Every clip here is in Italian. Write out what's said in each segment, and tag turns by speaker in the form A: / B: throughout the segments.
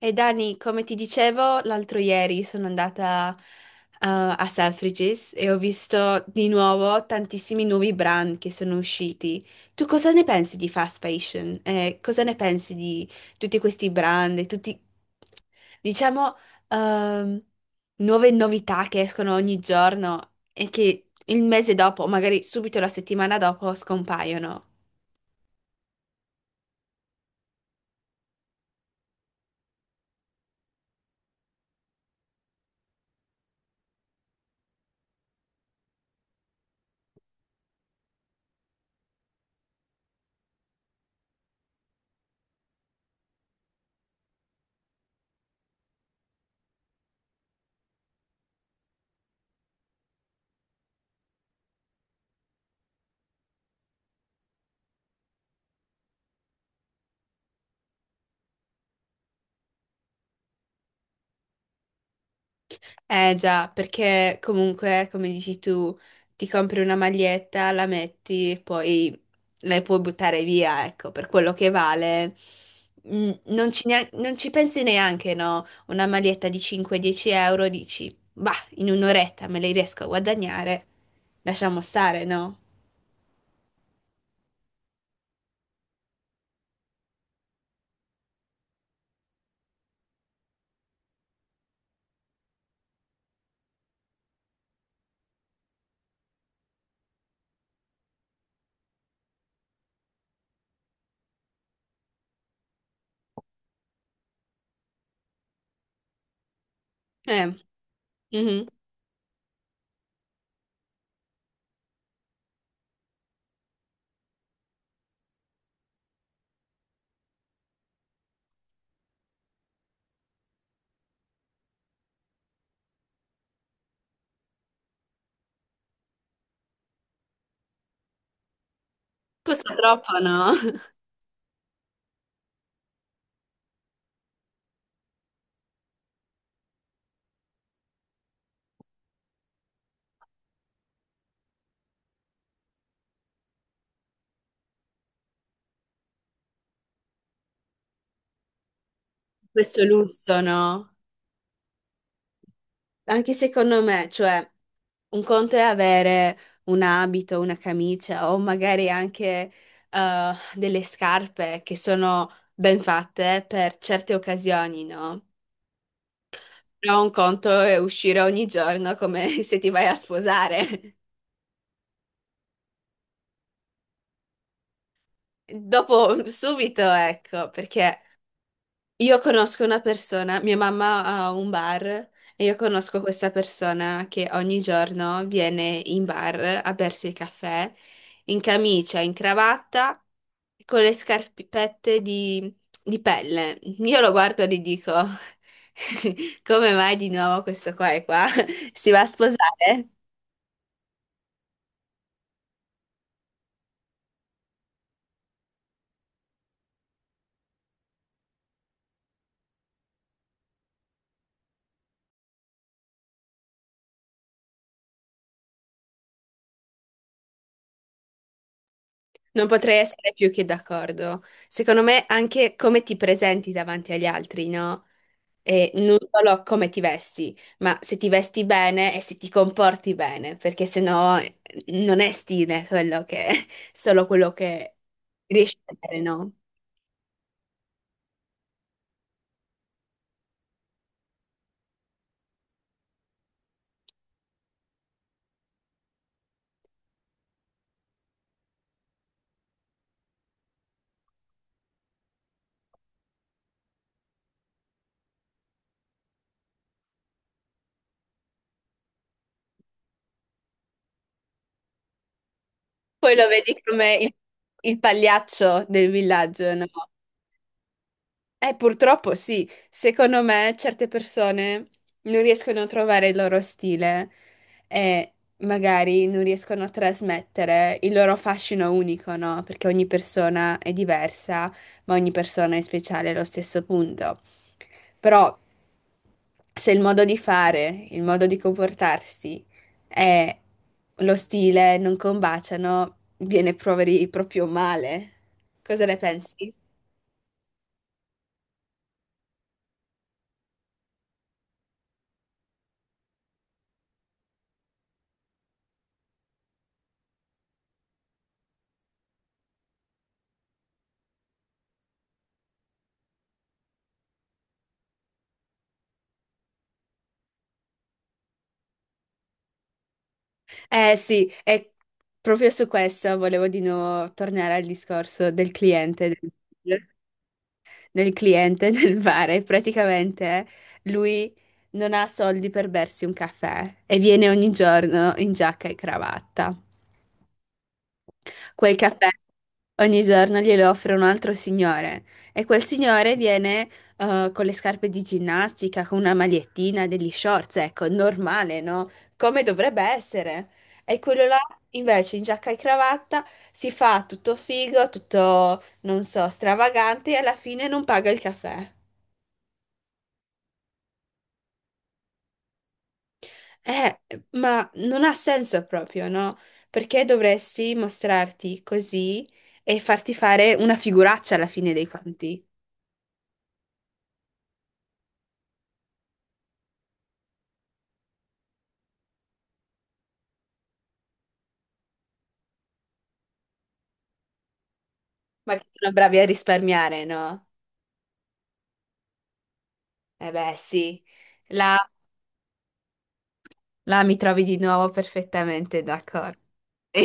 A: E Dani, come ti dicevo, l'altro ieri sono andata a Selfridges e ho visto di nuovo tantissimi nuovi brand che sono usciti. Tu cosa ne pensi di fast fashion? Cosa ne pensi di tutti questi brand e tutti, diciamo, ehm, nuove novità che escono ogni giorno e che il mese dopo, magari subito la settimana dopo, scompaiono? Eh già, perché comunque, come dici tu, ti compri una maglietta, la metti e poi la puoi buttare via, ecco, per quello che vale. Non ci pensi neanche, no? Una maglietta di 5-10 euro, dici, bah, in un'oretta me le riesco a guadagnare, lasciamo stare, no? Eh, mhm. Costa troppo, no? Questo lusso, no? Anche secondo me, cioè, un conto è avere un abito, una camicia o magari anche delle scarpe che sono ben fatte per certe occasioni, no? Però un conto è uscire ogni giorno come se ti vai a sposare. Dopo, subito, ecco, perché io conosco una persona, mia mamma ha un bar e io conosco questa persona che ogni giorno viene in bar a bersi il caffè in camicia, in cravatta, con le scarpette di pelle. Io lo guardo e gli dico, come mai di nuovo questo qua è qua? Si va a sposare? Non potrei essere più che d'accordo. Secondo me anche come ti presenti davanti agli altri, no? E non solo come ti vesti, ma se ti vesti bene e se ti comporti bene, perché sennò non è stile quello che solo quello che riesci a vedere, no? Poi lo vedi come il pagliaccio del villaggio, no? Purtroppo sì, secondo me certe persone non riescono a trovare il loro stile e magari non riescono a trasmettere il loro fascino unico, no? Perché ogni persona è diversa, ma ogni persona è speciale allo stesso punto. Però se il modo di fare, il modo di comportarsi e lo stile non combaciano, viene proveri proprio male. Cosa ne pensi? Eh sì, è proprio su questo volevo di nuovo tornare al discorso del cliente, del, del cliente del bar. E praticamente lui non ha soldi per bersi un caffè e viene ogni giorno in giacca e cravatta. Quel caffè ogni giorno glielo offre un altro signore e quel signore viene con le scarpe di ginnastica, con una magliettina, degli shorts, ecco, normale, no? Come dovrebbe essere. E quello là invece in giacca e cravatta si fa tutto figo, tutto, non so, stravagante e alla fine non paga il caffè. Eh, ma non ha senso proprio, no? Perché dovresti mostrarti così e farti fare una figuraccia alla fine dei conti? Ma che sono bravi a risparmiare, no? Eh beh, sì. Là, là mi trovi di nuovo perfettamente d'accordo.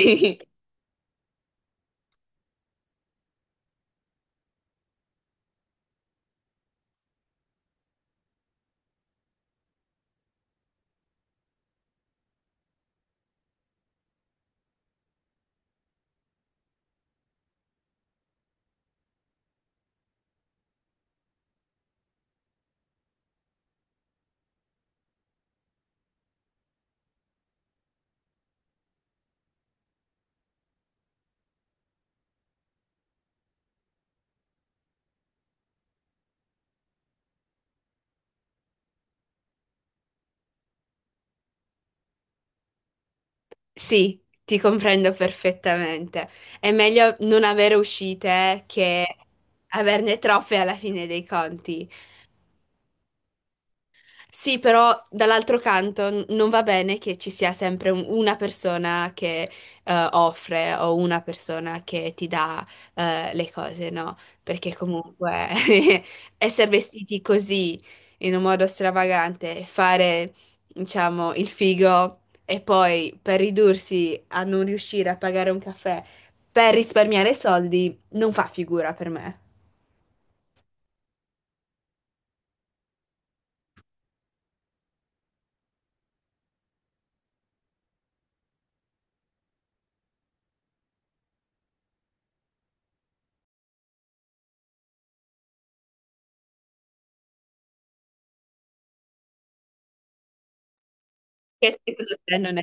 A: Sì, ti comprendo perfettamente. È meglio non avere uscite che averne troppe alla fine dei conti. Sì, però dall'altro canto non va bene che ci sia sempre una persona che offre o una persona che ti dà le cose, no? Perché comunque essere vestiti così in un modo stravagante, fare, diciamo, il figo e poi per ridursi a non riuscire a pagare un caffè per risparmiare soldi, non fa figura per me. Che secondo te non è?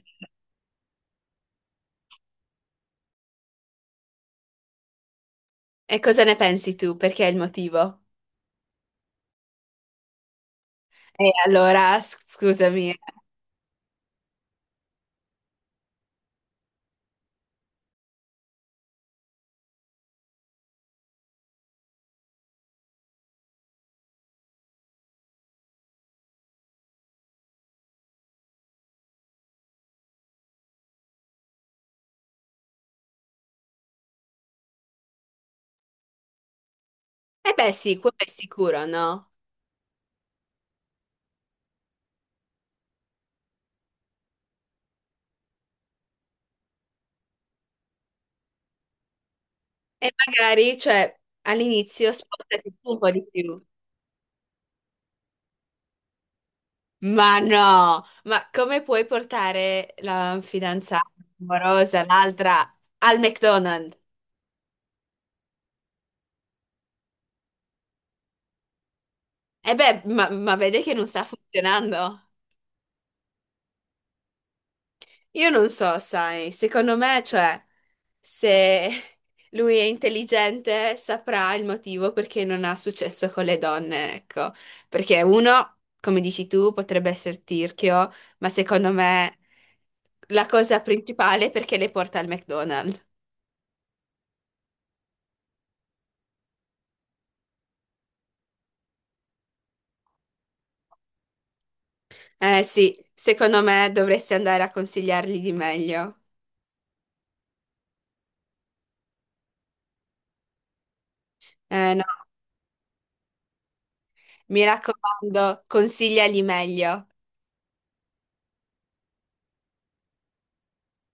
A: E cosa ne pensi tu? Perché è il motivo? E allora, scusami. Eh beh, sì, quello è sicuro, no? E magari, cioè, all'inizio spostati tu un po' di più. Ma no, ma come puoi portare la fidanzata amorosa, l'altra, al McDonald's? E beh, ma vede che non sta funzionando. Io non so, sai, secondo me, cioè, se lui è intelligente saprà il motivo perché non ha successo con le donne, ecco. Perché uno, come dici tu, potrebbe essere tirchio, ma secondo me la cosa principale è perché le porta al McDonald's. Eh sì, secondo me dovresti andare a consigliargli di meglio. Eh no, mi raccomando, consigliali meglio.